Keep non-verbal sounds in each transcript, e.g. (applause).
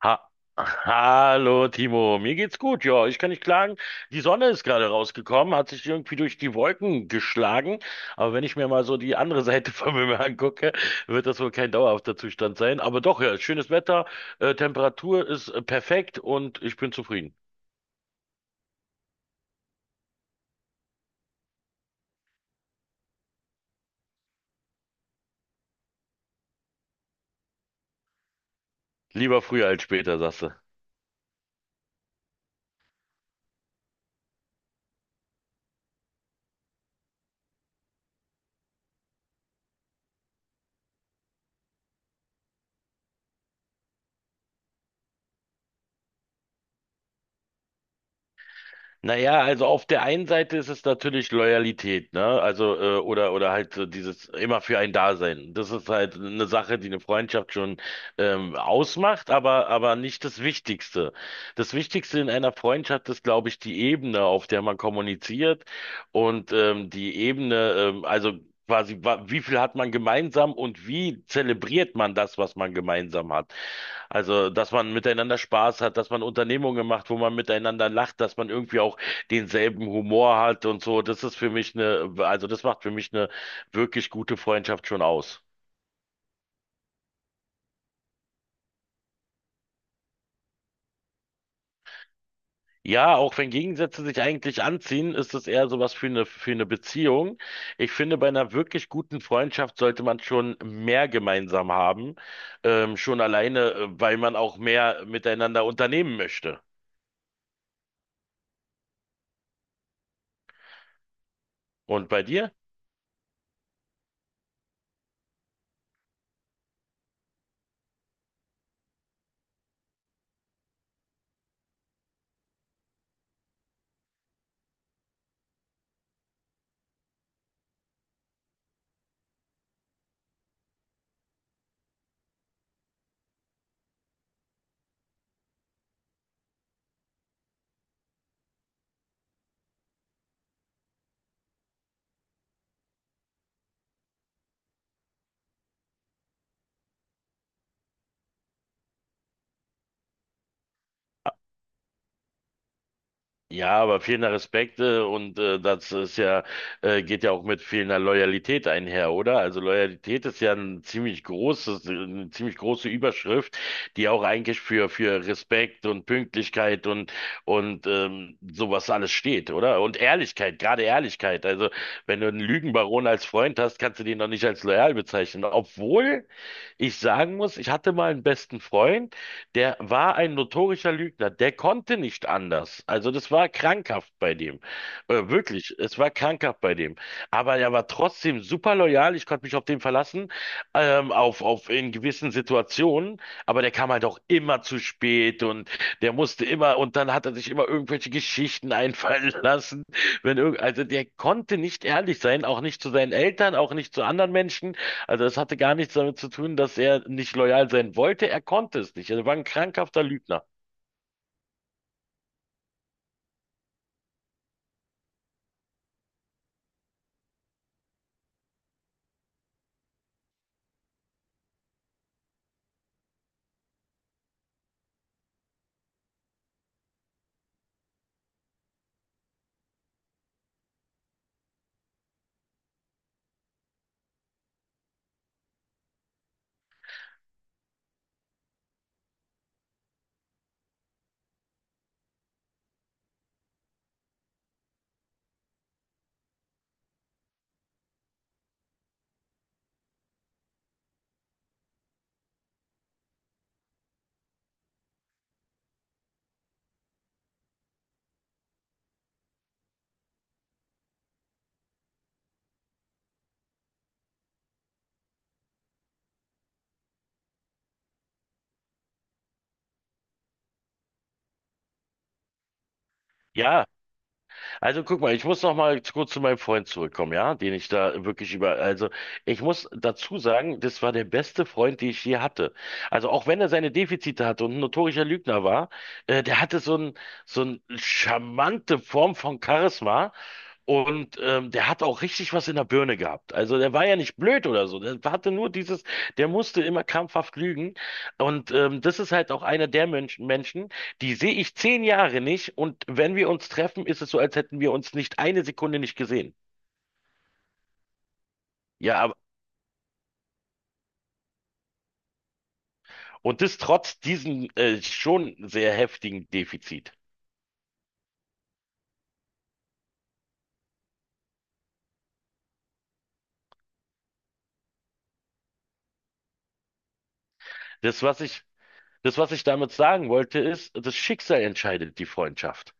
Ha Hallo Timo, mir geht's gut, ja, ich kann nicht klagen. Die Sonne ist gerade rausgekommen, hat sich irgendwie durch die Wolken geschlagen, aber wenn ich mir mal so die andere (laughs) Seite vom Himmel angucke, wird das wohl kein dauerhafter Zustand sein. Aber doch, ja, schönes Wetter, Temperatur ist perfekt und ich bin zufrieden. Lieber früher als später, sagst du. Naja, also auf der einen Seite ist es natürlich Loyalität, ne? Also, oder halt so dieses immer für ein Dasein. Das ist halt eine Sache, die eine Freundschaft schon ausmacht, aber nicht das Wichtigste. Das Wichtigste in einer Freundschaft ist, glaube ich, die Ebene, auf der man kommuniziert und die Ebene, also quasi, wie viel hat man gemeinsam und wie zelebriert man das, was man gemeinsam hat? Also, dass man miteinander Spaß hat, dass man Unternehmungen macht, wo man miteinander lacht, dass man irgendwie auch denselben Humor hat und so, das ist für mich eine das macht für mich eine wirklich gute Freundschaft schon aus. Ja, auch wenn Gegensätze sich eigentlich anziehen, ist es eher sowas für eine Beziehung. Ich finde, bei einer wirklich guten Freundschaft sollte man schon mehr gemeinsam haben, schon alleine, weil man auch mehr miteinander unternehmen möchte. Und bei dir? Ja, aber fehlender Respekt und geht ja auch mit fehlender Loyalität einher, oder? Also Loyalität ist ja eine ziemlich große Überschrift, die auch eigentlich für Respekt und Pünktlichkeit und und sowas alles steht, oder? Und Ehrlichkeit, gerade Ehrlichkeit. Also wenn du einen Lügenbaron als Freund hast, kannst du den noch nicht als loyal bezeichnen, obwohl ich sagen muss, ich hatte mal einen besten Freund. Der war ein notorischer Lügner. Der konnte nicht anders. Also das war krankhaft bei dem. Wirklich, es war krankhaft bei dem. Aber er war trotzdem super loyal. Ich konnte mich auf den verlassen, auf in gewissen Situationen. Aber der kam halt auch immer zu spät und der musste immer, und dann hat er sich immer irgendwelche Geschichten einfallen (laughs) lassen. Wenn irgend, also der konnte nicht ehrlich sein, auch nicht zu seinen Eltern, auch nicht zu anderen Menschen. Also es hatte gar nichts damit zu tun, dass er nicht loyal sein wollte. Er konnte es nicht. Er war ein krankhafter Lügner. Ja, also guck mal, ich muss noch mal kurz zu meinem Freund zurückkommen, ja, den ich da wirklich über, also ich muss dazu sagen, das war der beste Freund, den ich je hatte. Also auch wenn er seine Defizite hatte und ein notorischer Lügner war, der hatte so ein, so eine charmante Form von Charisma. Und der hat auch richtig was in der Birne gehabt. Also der war ja nicht blöd oder so. Der hatte nur dieses, der musste immer krampfhaft lügen. Und das ist halt auch einer der Menschen, die sehe ich 10 Jahre nicht. Und wenn wir uns treffen, ist es so, als hätten wir uns nicht eine Sekunde nicht gesehen. Ja, aber, und das trotz diesem schon sehr heftigen Defizit. Das, was ich, das, was ich damit sagen wollte, ist, das Schicksal entscheidet die Freundschaft.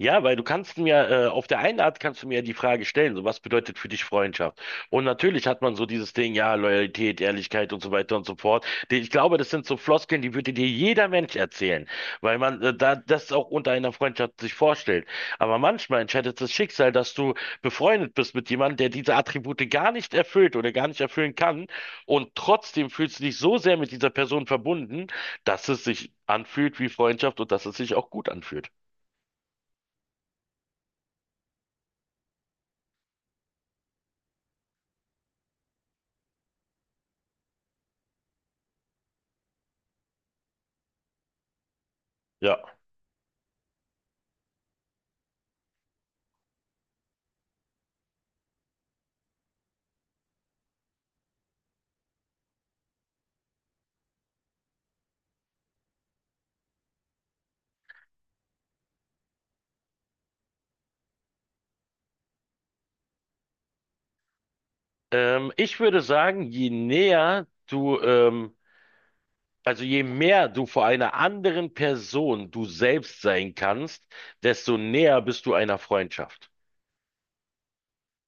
Ja, weil du kannst mir, auf der einen Art kannst du mir ja die Frage stellen, so was bedeutet für dich Freundschaft? Und natürlich hat man so dieses Ding, ja, Loyalität, Ehrlichkeit und so weiter und so fort. Ich glaube, das sind so Floskeln, die würde dir jeder Mensch erzählen, weil man da das auch unter einer Freundschaft sich vorstellt. Aber manchmal entscheidet das Schicksal, dass du befreundet bist mit jemandem, der diese Attribute gar nicht erfüllt oder gar nicht erfüllen kann. Und trotzdem fühlst du dich so sehr mit dieser Person verbunden, dass es sich anfühlt wie Freundschaft und dass es sich auch gut anfühlt. Ja. Ich würde sagen, je mehr du vor einer anderen Person du selbst sein kannst, desto näher bist du einer Freundschaft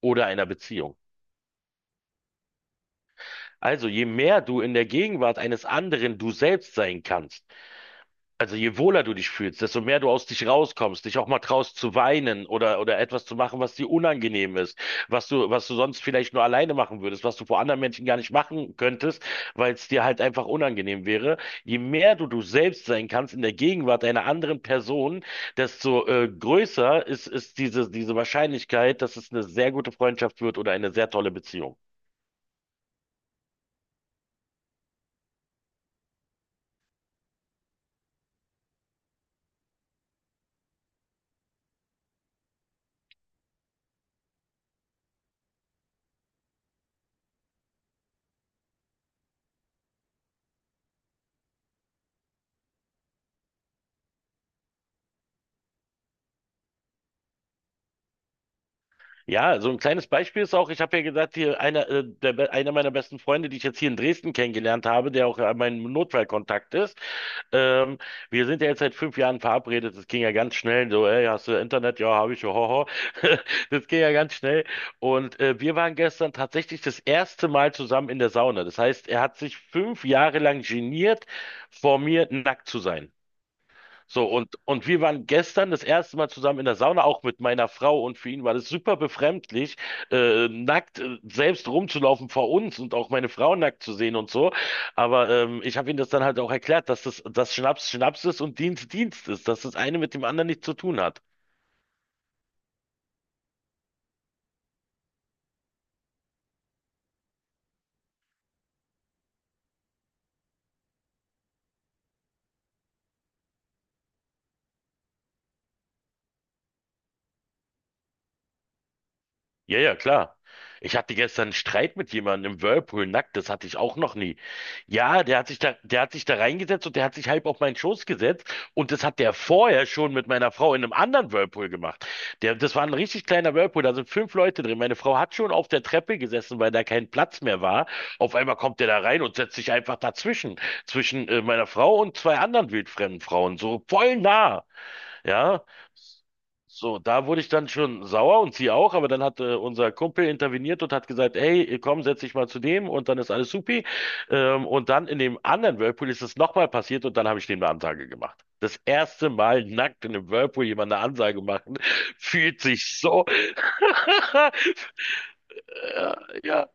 oder einer Beziehung. Also je mehr du in der Gegenwart eines anderen du selbst sein kannst. Also je wohler du dich fühlst, desto mehr du aus dich rauskommst, dich auch mal traust zu weinen oder etwas zu machen, was dir unangenehm ist, was du sonst vielleicht nur alleine machen würdest, was du vor anderen Menschen gar nicht machen könntest, weil es dir halt einfach unangenehm wäre. Je mehr du du selbst sein kannst in der Gegenwart einer anderen Person, desto größer ist diese Wahrscheinlichkeit, dass es eine sehr gute Freundschaft wird oder eine sehr tolle Beziehung. Ja, so ein kleines Beispiel ist auch, ich habe ja gesagt, hier einer, der, be- einer meiner besten Freunde, die ich jetzt hier in Dresden kennengelernt habe, der auch mein Notfallkontakt ist. Ähm, Wir sind ja jetzt seit 5 Jahren verabredet. Das ging ja ganz schnell. So, ey, hast du Internet? Ja, habe ich. Hoho. (laughs) Das ging ja ganz schnell. Und wir waren gestern tatsächlich das erste Mal zusammen in der Sauna. Das heißt, er hat sich 5 Jahre lang geniert, vor mir nackt zu sein. So, und wir waren gestern das erste Mal zusammen in der Sauna, auch mit meiner Frau. Und für ihn war das super befremdlich, nackt selbst rumzulaufen vor uns und auch meine Frau nackt zu sehen und so. Aber ich habe ihm das dann halt auch erklärt, dass Schnaps Schnaps ist und Dienst Dienst ist, dass das eine mit dem anderen nichts zu tun hat. Ja, ja, klar. Ich hatte gestern einen Streit mit jemandem im Whirlpool nackt, das hatte ich auch noch nie. Ja, der hat sich da reingesetzt und der hat sich halb auf meinen Schoß gesetzt und das hat der vorher schon mit meiner Frau in einem anderen Whirlpool gemacht. Das war ein richtig kleiner Whirlpool, da sind fünf Leute drin. Meine Frau hat schon auf der Treppe gesessen, weil da kein Platz mehr war. Auf einmal kommt der da rein und setzt sich einfach dazwischen, zwischen meiner Frau und zwei anderen wildfremden Frauen, so voll nah. Ja, so, da wurde ich dann schon sauer und sie auch, aber dann hat unser Kumpel interveniert und hat gesagt, hey, komm, setz dich mal zu dem und dann ist alles supi. Und dann in dem anderen Whirlpool ist es nochmal passiert und dann habe ich dem eine Ansage gemacht. Das erste Mal nackt in einem Whirlpool jemand eine Ansage machen, (laughs) fühlt sich so, (laughs) äh, ja,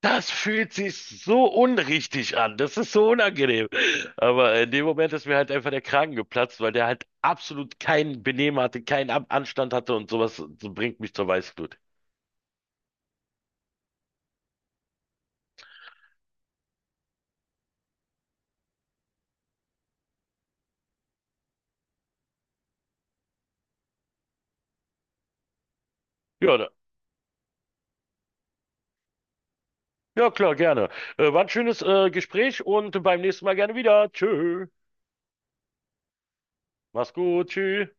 das fühlt sich so unrichtig an. Das ist so unangenehm. Aber in dem Moment ist mir halt einfach der Kragen geplatzt, weil der halt absolut kein Benehmen hatte, keinen An Anstand hatte und sowas so bringt mich zur Weißglut. Ja, ja, klar, gerne. War ein schönes Gespräch und beim nächsten Mal gerne wieder. Tschö. Mach's gut. Tschüss.